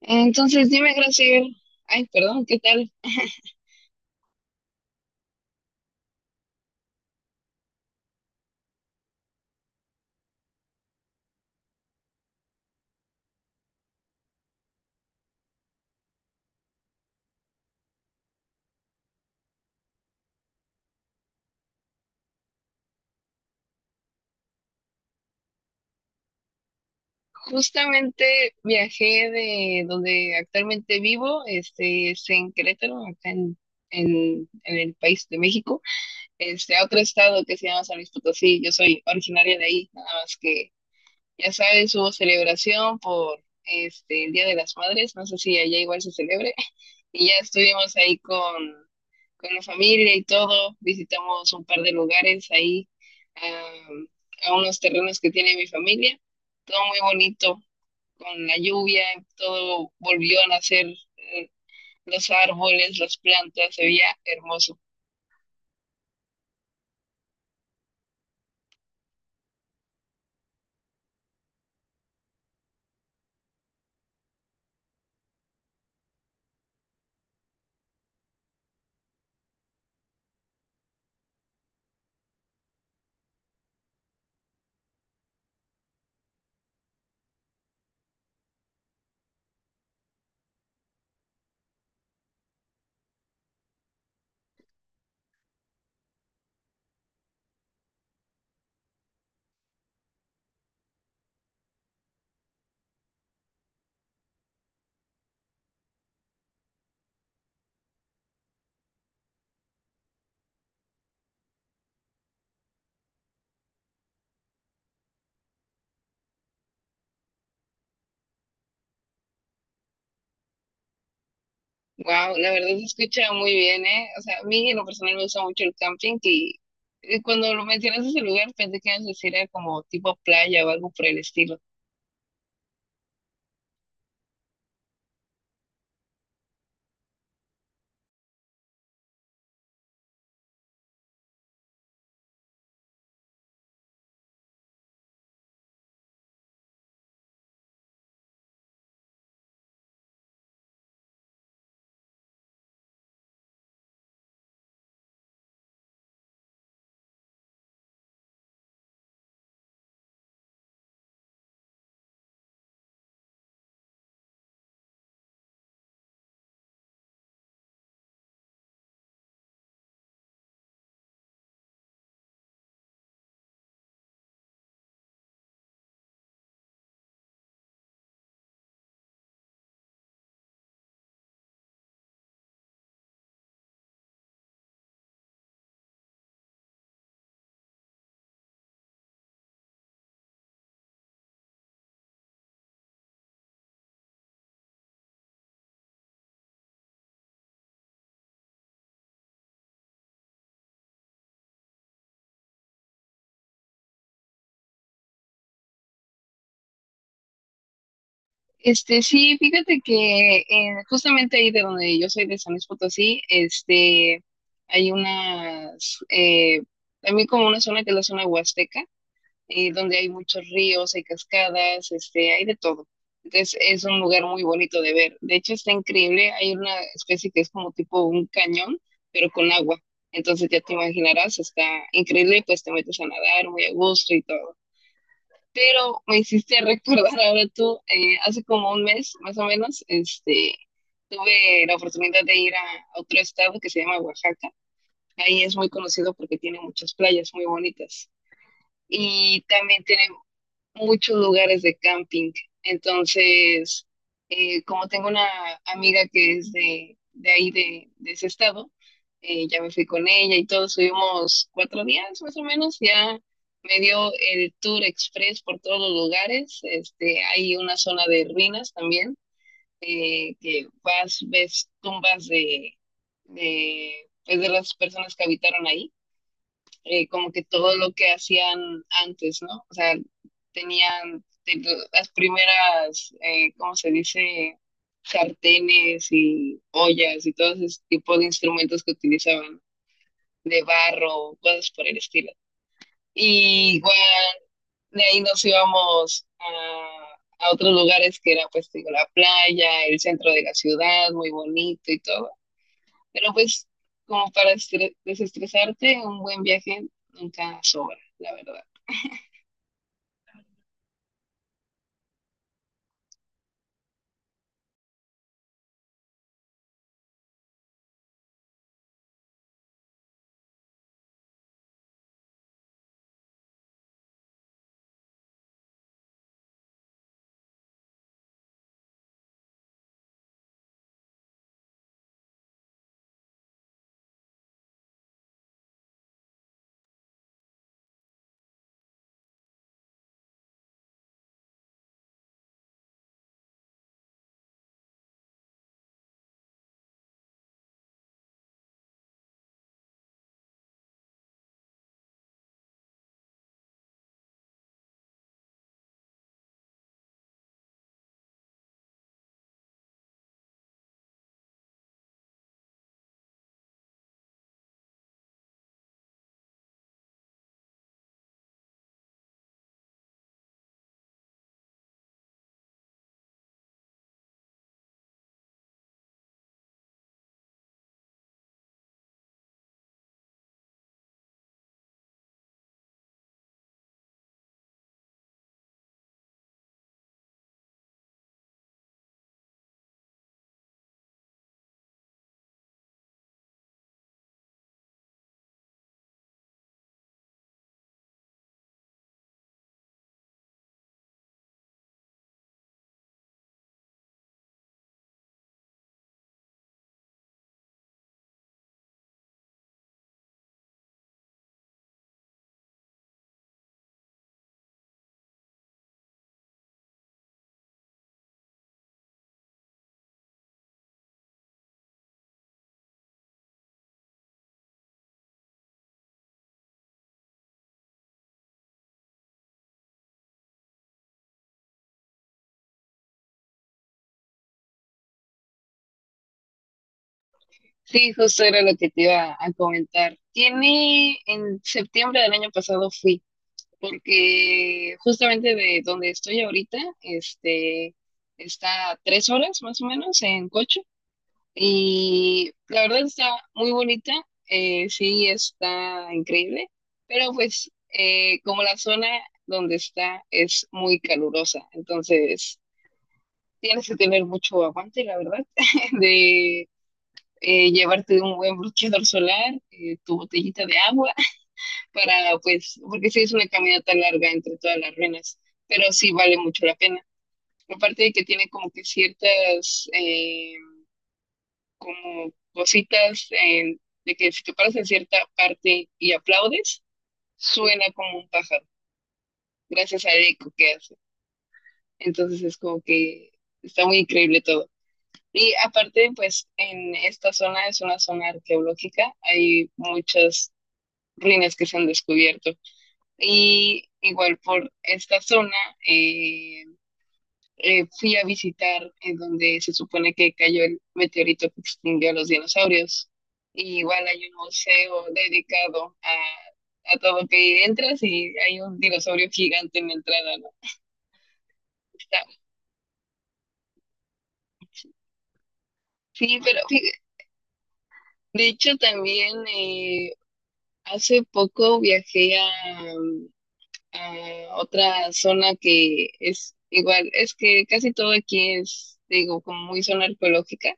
Entonces, dime, Graciel, ay, perdón, ¿qué tal? Justamente viajé de donde actualmente vivo, es en Querétaro, en el país de México, a otro estado que se llama San Luis Potosí. Yo soy originaria de ahí, nada más que, ya sabes, hubo celebración por el Día de las Madres, no sé si allá igual se celebre. Y ya estuvimos ahí con la familia y todo, visitamos un par de lugares ahí, am, a unos terrenos que tiene mi familia, todo muy bonito, con la lluvia, todo volvió a nacer, eh, los árboles, las plantas, se veía hermoso. Wow, la verdad se escucha muy bien, ¿eh? O sea, a mí en lo personal me gusta mucho el camping, y cuando lo mencionaste ese lugar pensé que ibas a decir era como tipo playa o algo por el estilo. Este, sí, fíjate que justamente ahí de donde yo soy, de San Luis Potosí, hay unas, también como una zona que es la zona huasteca, donde hay muchos ríos, hay cascadas, hay de todo. Entonces es un lugar muy bonito de ver. De hecho está increíble, hay una especie que es como tipo un cañón, pero con agua. Entonces ya te imaginarás, está increíble, pues te metes a nadar muy a gusto y todo. Pero me hiciste recordar ahora tú, hace como un mes más o menos, tuve la oportunidad de ir a otro estado que se llama Oaxaca. Ahí es muy conocido porque tiene muchas playas muy bonitas. Y también tiene muchos lugares de camping. Entonces, como tengo una amiga que es de ahí, de ese estado, ya me fui con ella y todos subimos cuatro días más o menos, ya me dio el tour express por todos los lugares. Este, hay una zona de ruinas también, que vas, ves tumbas pues, de las personas que habitaron ahí, como que todo lo que hacían antes, ¿no? O sea, tenían las primeras, ¿cómo se dice? Sartenes y ollas y todos ese tipo de instrumentos que utilizaban, de barro, cosas por el estilo. Y igual de ahí nos íbamos a otros lugares que era, pues digo, la playa, el centro de la ciudad, muy bonito y todo. Pero pues como para desestresarte, un buen viaje nunca sobra, la verdad. Sí, justo era lo que te iba a comentar. Tiene, en septiembre del año pasado fui, porque justamente de donde estoy ahorita, está a tres horas más o menos en coche. Y la verdad está muy bonita, sí está increíble, pero pues como la zona donde está es muy calurosa, entonces tienes que tener mucho aguante, la verdad, de llevarte un buen bloqueador solar, tu botellita de agua, para pues, porque sí es una caminata larga entre todas las ruinas, pero sí vale mucho la pena. Aparte de que tiene como que ciertas como cositas, de que si te paras en cierta parte y aplaudes, suena como un pájaro, gracias al eco que hace. Entonces es como que está muy increíble todo. Y aparte, pues en esta zona, es una zona arqueológica, hay muchas ruinas que se han descubierto. Y igual por esta zona, eh, fui a visitar, donde se supone que cayó el meteorito que extinguió a los dinosaurios. Y igual hay un museo dedicado a todo, que entras y hay un dinosaurio gigante en la entrada, ¿no? Está- sí, pero de hecho también, hace poco viajé a otra zona que es igual, es que casi todo aquí es, digo, como muy zona arqueológica.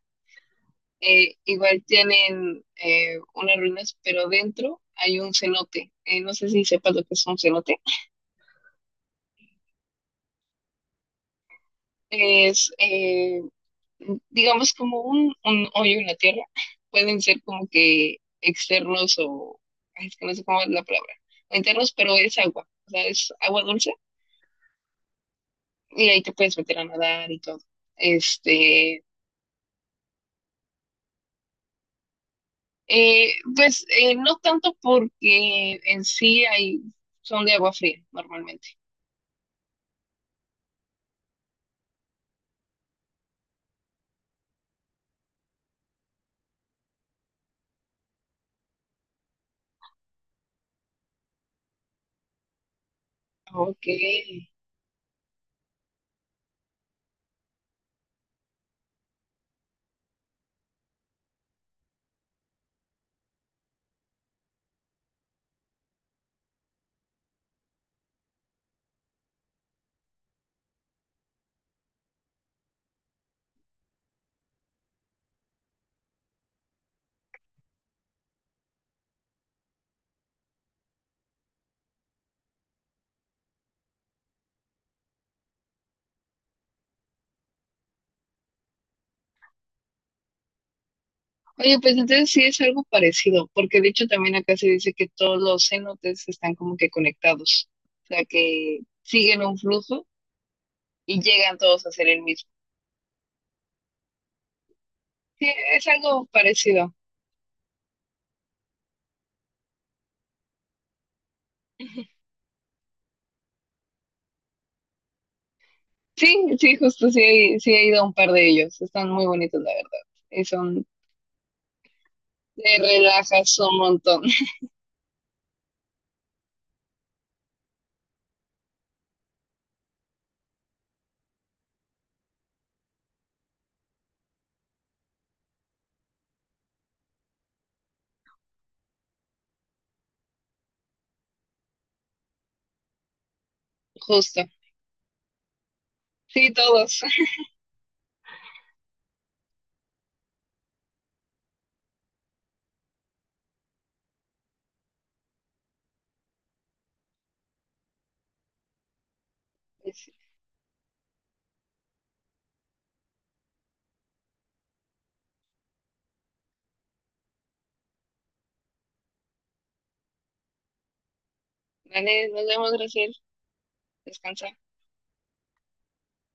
Igual tienen unas ruinas, pero dentro hay un cenote. No sé si sepas lo que es un cenote. Es, digamos, como un hoyo en la tierra. Pueden ser como que externos o, ay, es que no sé cómo es la palabra, o internos, pero es agua, o sea, es agua dulce, y ahí te puedes meter a nadar y todo. Este, pues no tanto porque en sí hay, son de agua fría normalmente. Ok. Oye, pues entonces sí es algo parecido, porque de hecho también acá se dice que todos los cenotes están como que conectados, o sea que siguen un flujo y llegan todos a ser el mismo. Sí, es algo parecido. Sí, sí, justo sí, sí he ido a un par de ellos, están muy bonitos la verdad, y son, te relajas un montón. Justo. Sí, todos. Vale, nos vemos, Graciela. Descansa.